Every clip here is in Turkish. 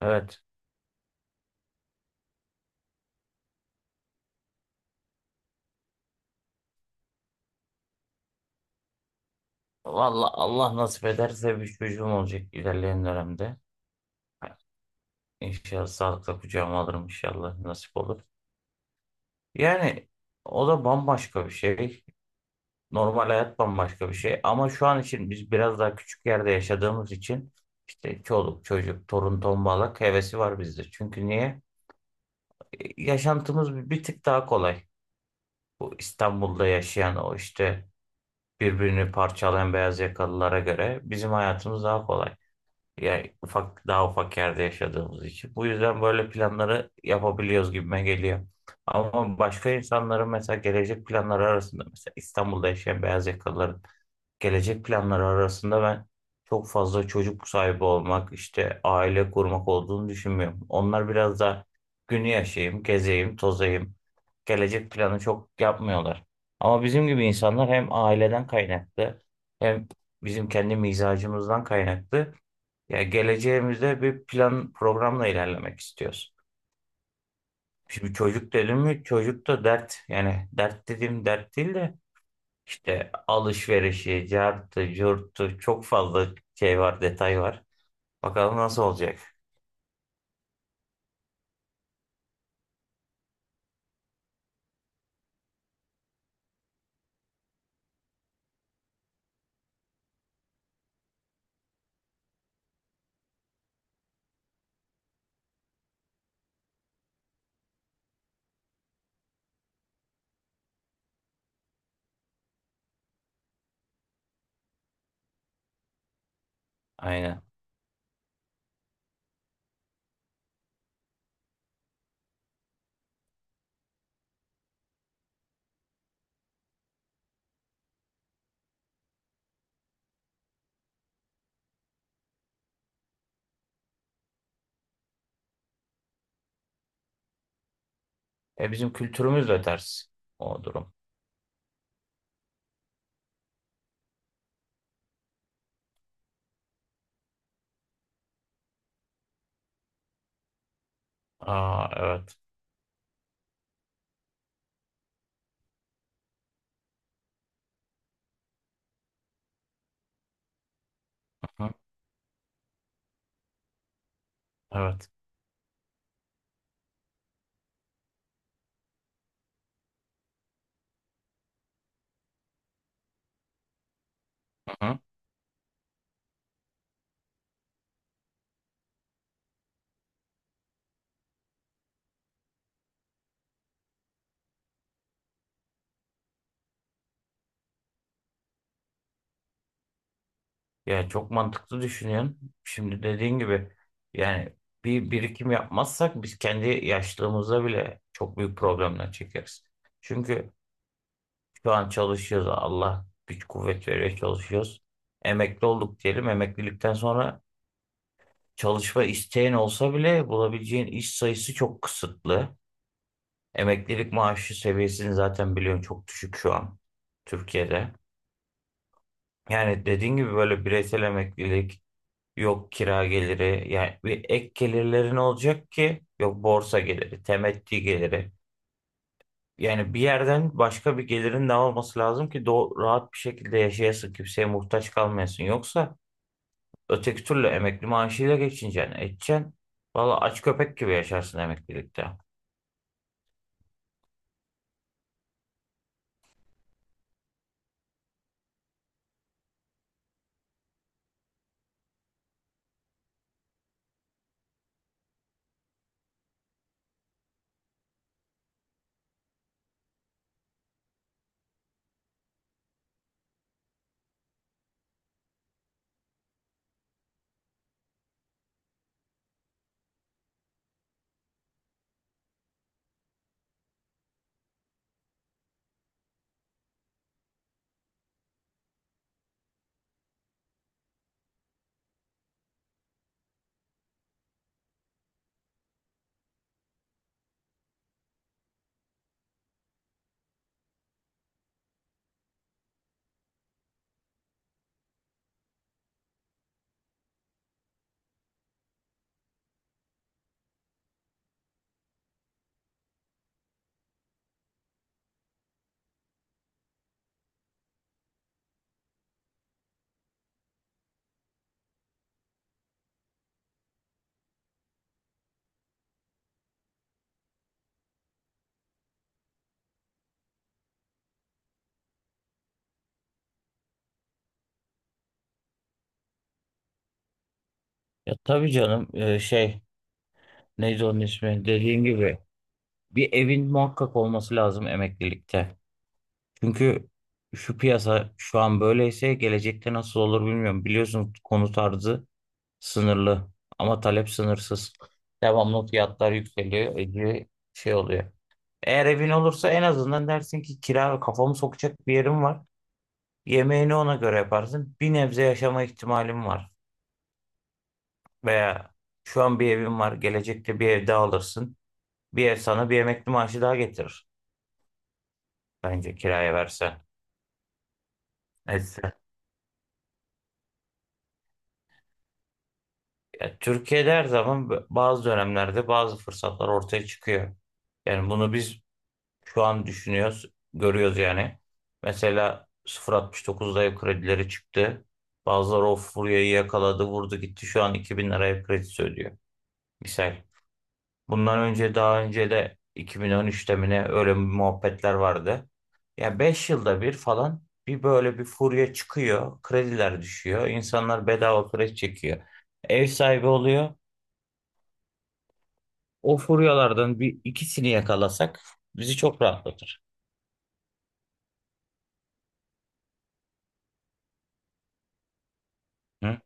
Evet. Vallahi Allah nasip ederse bir çocuğum olacak ilerleyen dönemde. İnşallah sağlıkla kucağıma alırım inşallah nasip olur. Yani o da bambaşka bir şey. Normal hayat bambaşka bir şey. Ama şu an için biz biraz daha küçük yerde yaşadığımız için işte çoluk çocuk torun tombalak hevesi var bizde. Çünkü niye? Yaşantımız bir tık daha kolay. Bu İstanbul'da yaşayan o işte birbirini parçalayan beyaz yakalılara göre bizim hayatımız daha kolay. Yani daha ufak yerde yaşadığımız için. Bu yüzden böyle planları yapabiliyoruz gibime geliyor. Ama başka insanların mesela gelecek planları arasında mesela İstanbul'da yaşayan beyaz yakalıların gelecek planları arasında ben çok fazla çocuk sahibi olmak, işte aile kurmak olduğunu düşünmüyorum. Onlar biraz da günü yaşayayım, gezeyim, tozayım. Gelecek planı çok yapmıyorlar. Ama bizim gibi insanlar hem aileden kaynaklı hem bizim kendi mizacımızdan kaynaklı ya geleceğimizde bir plan programla ilerlemek istiyoruz. Şimdi çocuk dedim mi çocuk da dert. Yani dert dediğim dert değil de işte alışverişi, cartı, curtu çok fazla şey var, detay var. Bakalım nasıl olacak. Aynen. E bizim kültürümüz de ters o durum. Aa, evet. Hı, evet. Hı. Yani çok mantıklı düşünüyorsun. Şimdi dediğin gibi yani bir birikim yapmazsak biz kendi yaşlılığımızda bile çok büyük problemler çekeriz. Çünkü şu an çalışıyoruz. Allah güç kuvvet veriyor çalışıyoruz. Emekli olduk diyelim. Emeklilikten sonra çalışma isteğin olsa bile bulabileceğin iş sayısı çok kısıtlı. Emeklilik maaşı seviyesini zaten biliyorsun çok düşük şu an Türkiye'de. Yani dediğin gibi böyle bireysel emeklilik. Yok kira geliri yani bir ek gelirlerin olacak ki, yok borsa geliri, temettü geliri. Yani bir yerden başka bir gelirin de olması lazım ki do rahat bir şekilde yaşayasın, kimseye muhtaç kalmayasın. Yoksa öteki türlü emekli maaşıyla geçineceksin, edeceksin. Valla aç köpek gibi yaşarsın emeklilikte. Ya tabii canım, şey neydi onun ismi dediğin gibi bir evin muhakkak olması lazım emeklilikte. Çünkü şu piyasa şu an böyleyse gelecekte nasıl olur bilmiyorum. Biliyorsun konut arzı sınırlı ama talep sınırsız. Devamlı fiyatlar yükseliyor, iyice şey oluyor. Eğer evin olursa en azından dersin ki kira kafamı sokacak bir yerim var. Yemeğini ona göre yaparsın. Bir nebze yaşama ihtimalim var. Veya şu an bir evim var, gelecekte bir ev daha alırsın. Bir ev sana bir emekli maaşı daha getirir. Bence kiraya versen. Evet. Ya Türkiye'de her zaman bazı dönemlerde bazı fırsatlar ortaya çıkıyor. Yani bunu biz şu an düşünüyoruz, görüyoruz yani. Mesela 0.69'da ev kredileri çıktı. Bazıları o furyayı yakaladı, vurdu gitti. Şu an 2000 lira ev kredisi ödüyor. Misal. Bundan önce daha önce de 2013'te mi ne öyle muhabbetler vardı. Ya 5 yılda bir falan bir böyle bir furya çıkıyor. Krediler düşüyor. İnsanlar bedava kredi çekiyor. Ev sahibi oluyor. O furyalardan bir ikisini yakalasak bizi çok rahatlatır. Hı?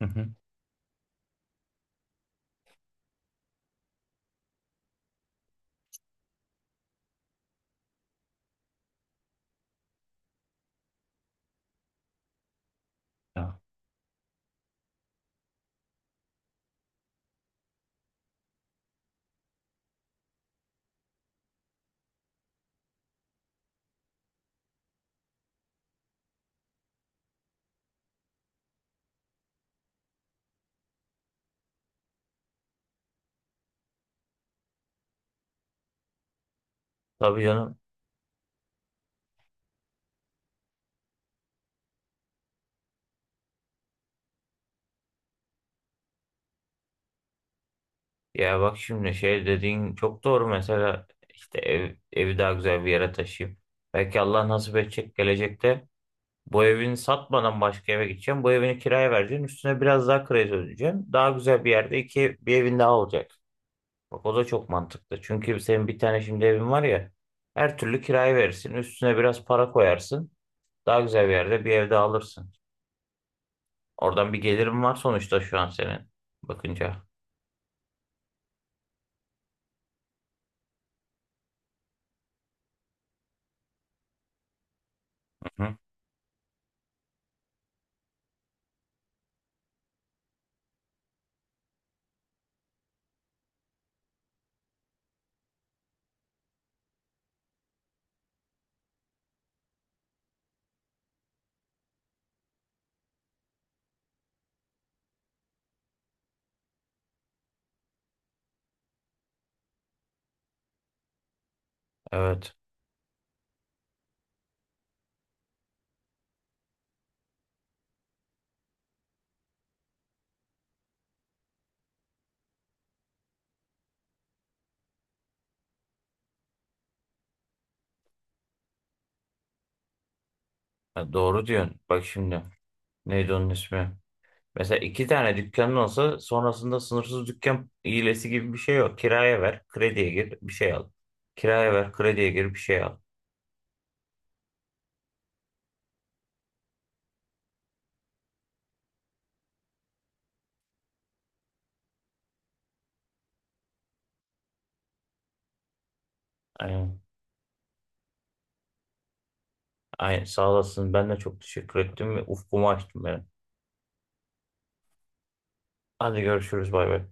Hı hı. Ya, tabii canım. Ya bak şimdi şey dediğin çok doğru, mesela işte evi daha güzel bir yere taşıyayım. Belki Allah nasip edecek gelecekte bu evini satmadan başka eve gideceğim. Bu evini kiraya vereceğim. Üstüne biraz daha kredi ödeyeceğim. Daha güzel bir yerde iki bir evin daha olacak. Bak o da çok mantıklı. Çünkü senin bir tane şimdi evin var ya, her türlü kiraya verirsin. Üstüne biraz para koyarsın. Daha güzel bir yerde bir ev daha alırsın. Oradan bir gelirim var sonuçta şu an senin bakınca. Hı hı. Evet. Ha, doğru diyorsun. Bak şimdi. Neydi onun ismi? Mesela iki tane dükkanın olsa sonrasında sınırsız dükkan hilesi gibi bir şey yok. Kiraya ver, krediye gir, bir şey al. Kiraya ver, krediye gir, bir şey al. Aynen. Aynen. Sağ olasın. Ben de çok teşekkür ettim ve ufkumu açtım benim. Hadi görüşürüz. Bay bay.